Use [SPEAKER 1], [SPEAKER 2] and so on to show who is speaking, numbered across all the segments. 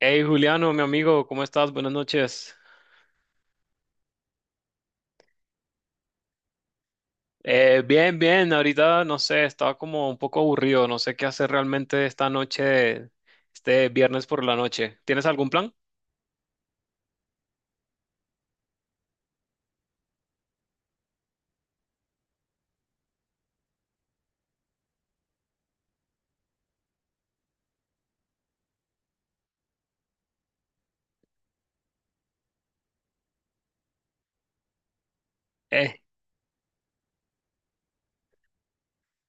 [SPEAKER 1] Hey Juliano, mi amigo, ¿cómo estás? Buenas noches. Bien, bien, ahorita no sé, estaba como un poco aburrido, no sé qué hacer realmente esta noche, este viernes por la noche. ¿Tienes algún plan? Eh,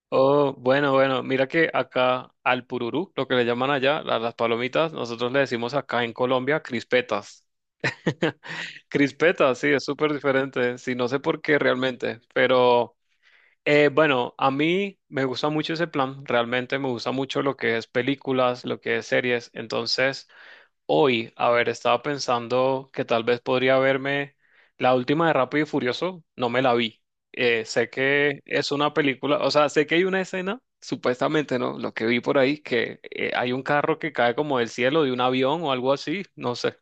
[SPEAKER 1] oh, bueno, bueno, mira que acá al pururú, lo que le llaman allá, a las palomitas, nosotros le decimos acá en Colombia crispetas. Crispetas, sí, es súper diferente, sí, no sé por qué realmente, pero. Bueno, a mí me gusta mucho ese plan, realmente me gusta mucho lo que es películas, lo que es series, entonces hoy, a ver, estaba pensando que tal vez podría verme la última de Rápido y Furioso, no me la vi. Sé que es una película, o sea, sé que hay una escena, supuestamente, ¿no? Lo que vi por ahí, que hay un carro que cae como del cielo de un avión o algo así, no sé.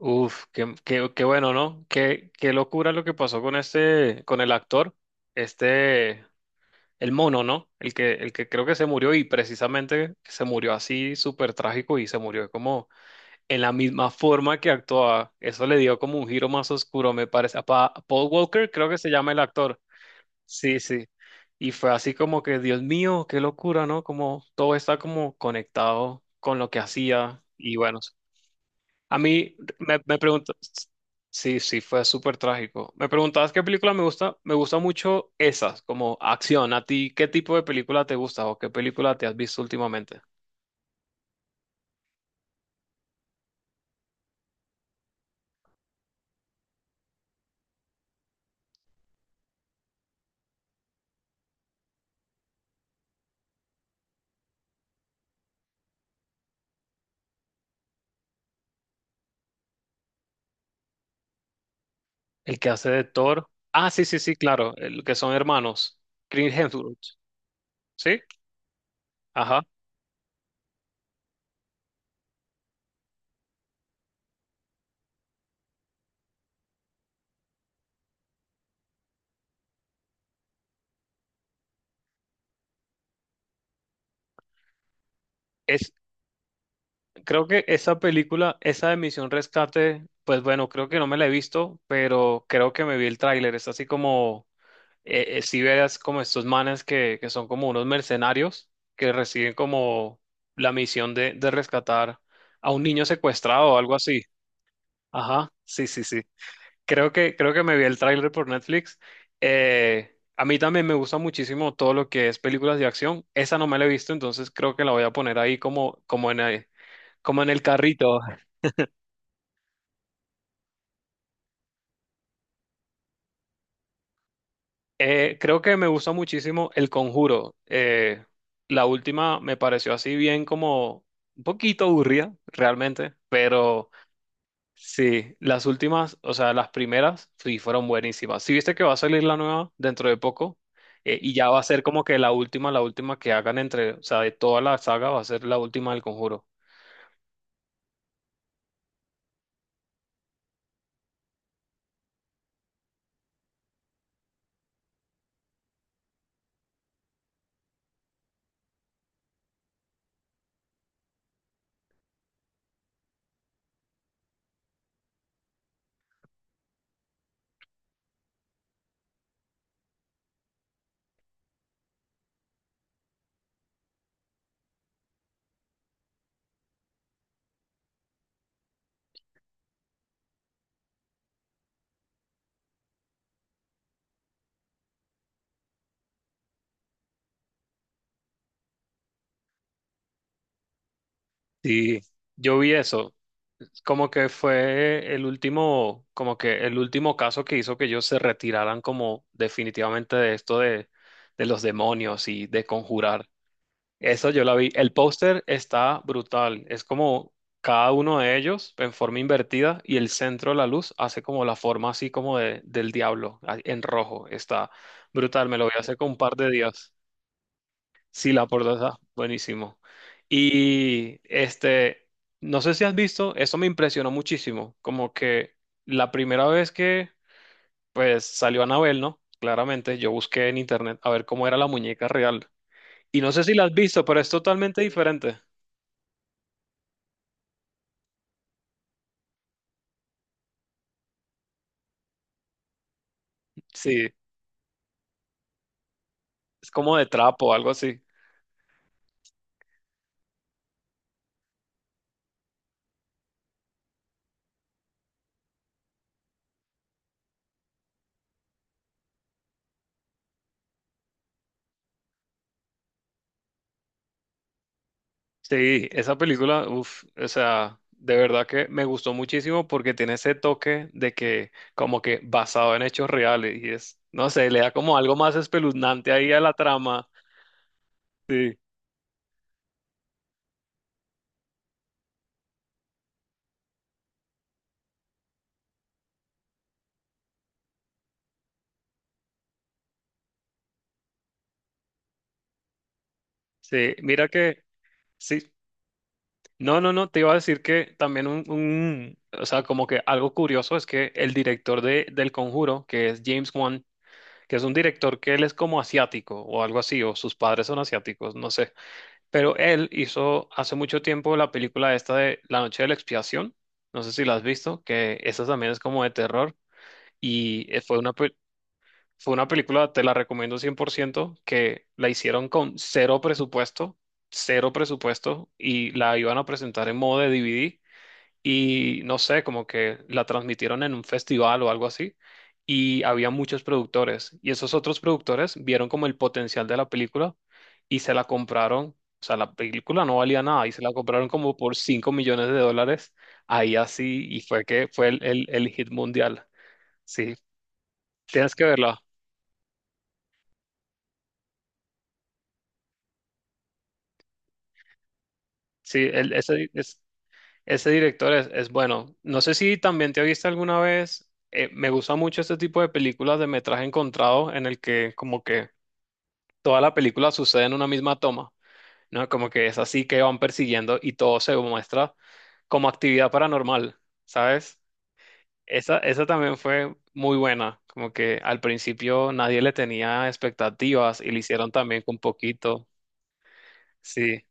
[SPEAKER 1] Uf, qué bueno, ¿no? Qué locura lo que pasó con este, con el actor. Este, El mono, ¿no? El que creo que se murió y precisamente se murió así súper trágico y se murió como en la misma forma que actuaba. Eso le dio como un giro más oscuro, me parece. A Paul Walker creo que se llama el actor. Sí, sí. Y fue así como que, Dios mío, qué locura, ¿no? Como todo está como conectado con lo que hacía. Y bueno, a mí me, sí, sí, fue súper trágico. Me preguntabas qué película me gusta mucho esas, como acción. ¿A ti qué tipo de película te gusta o qué película te has visto últimamente? El que hace de Thor. Ah, sí, sí, sí, claro, el que son hermanos. Chris Hemsworth, ¿sí? Ajá. Es, Creo que esa película, esa de Misión Rescate, pues bueno, creo que no me la he visto, pero creo que me vi el tráiler. Es así como si veas como estos manes que son como unos mercenarios que reciben como la misión de rescatar a un niño secuestrado o algo así. Ajá, sí, sí, sí. Creo que me vi el tráiler por Netflix. A mí también me gusta muchísimo todo lo que es películas de acción. Esa no me la he visto, entonces creo que la voy a poner ahí como, como en el carrito. Creo que me gustó muchísimo El Conjuro. La última me pareció así bien como un poquito aburrida, realmente, pero sí, las últimas, o sea, las primeras, sí, fueron buenísimas. Sí, viste que va a salir la nueva dentro de poco. Y ya va a ser como que la última, o sea, de toda la saga va a ser la última del Conjuro. Sí, yo vi eso. Como que fue el último, como que el último caso que hizo que ellos se retiraran como definitivamente de esto de los demonios y de conjurar. Eso yo la vi. El póster está brutal. Es como cada uno de ellos en forma invertida y el centro de la luz hace como la forma así como del diablo, ah, en rojo. Está brutal. Me lo voy a hacer un par de días. Sí, la por dos A, buenísimo. Y este, no sé si has visto, eso me impresionó muchísimo, como que la primera vez que pues salió Anabel, ¿no? Claramente yo busqué en internet a ver cómo era la muñeca real. Y no sé si la has visto, pero es totalmente diferente. Sí, es como de trapo, algo así. Sí, esa película, uff, o sea, de verdad que me gustó muchísimo porque tiene ese toque de que como que basado en hechos reales y es, no sé, le da como algo más espeluznante ahí a la trama. Sí, sí, mira que, sí, no, no, no, te iba a decir que también o sea, como que algo curioso es que el director del Conjuro, que es James Wan, que es un director que él es como asiático o algo así, o sus padres son asiáticos, no sé. Pero él hizo hace mucho tiempo la película esta de La Noche de la Expiación. No sé si la has visto, que esta también es como de terror. Y fue una, fue una película, te la recomiendo 100%, que la hicieron con cero presupuesto, y la iban a presentar en modo de DVD y no sé, como que la transmitieron en un festival o algo así, y había muchos productores, y esos otros productores vieron como el potencial de la película y se la compraron, o sea, la película no valía nada y se la compraron como por 5 millones de dólares, ahí así, y fue que fue el hit mundial. Sí, tienes que verla. Sí, ese director es bueno. No sé si también te viste alguna vez. Me gusta mucho este tipo de películas de metraje encontrado en el que como que toda la película sucede en una misma toma, ¿no? Como que es así que van persiguiendo y todo se muestra como actividad paranormal, ¿sabes? Esa también fue muy buena, como que al principio nadie le tenía expectativas y le hicieron también con poquito, sí.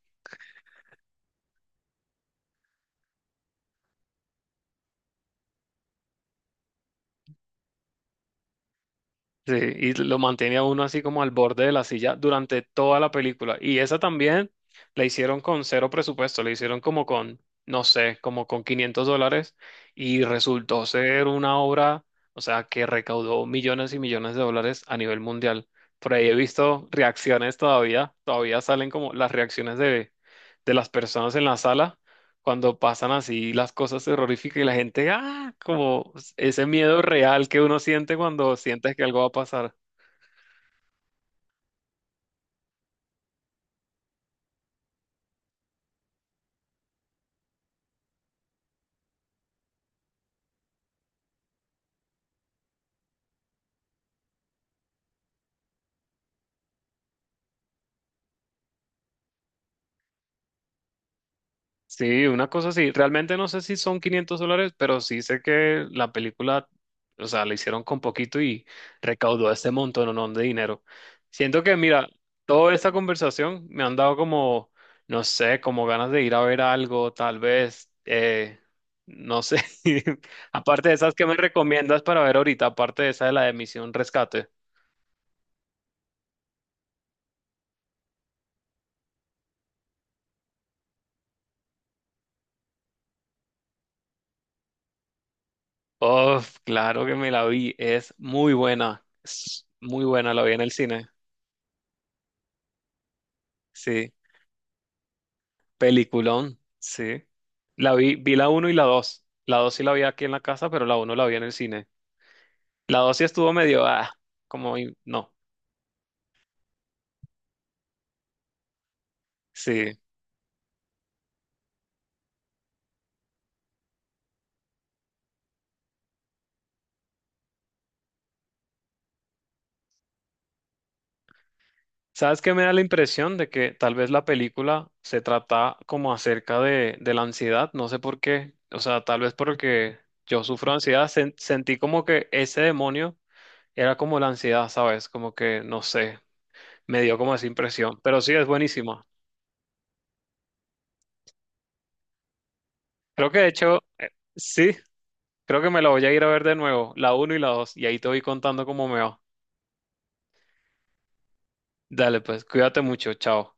[SPEAKER 1] Sí, y lo mantenía uno así como al borde de la silla durante toda la película. Y esa también la hicieron con cero presupuesto, la hicieron como con, no sé, como con 500 dólares y resultó ser una obra, o sea, que recaudó millones y millones de dólares a nivel mundial. Por ahí he visto reacciones todavía, todavía salen como las reacciones de las personas en la sala cuando pasan así las cosas terroríficas y la gente, ah, como ese miedo real que uno siente cuando sientes que algo va a pasar. Sí, una cosa así. Realmente no sé si son 500 dólares, pero sí sé que la película, o sea, la hicieron con poquito y recaudó este montón, ¿no?, de dinero. Siento que, mira, toda esta conversación me han dado como, no sé, como ganas de ir a ver algo, tal vez, no sé. Aparte de esas que me recomiendas para ver ahorita, aparte de esa de la de Misión Rescate. Oh, claro que me la vi, es muy buena, la vi en el cine. Sí. Peliculón, sí. Vi la uno y la 2. La 2 sí la vi aquí en la casa, pero la uno la vi en el cine. La 2 sí estuvo medio, como, no, sí. ¿Sabes qué me da la impresión de que tal vez la película se trata como acerca de la ansiedad? No sé por qué. O sea, tal vez porque yo sufro ansiedad, sentí como que ese demonio era como la ansiedad, ¿sabes? Como que, no sé, me dio como esa impresión. Pero sí, es buenísima. Creo que de hecho, sí. Creo que me la voy a ir a ver de nuevo, la uno y la 2, y ahí te voy contando cómo me va. Dale, pues, cuídate mucho, chao.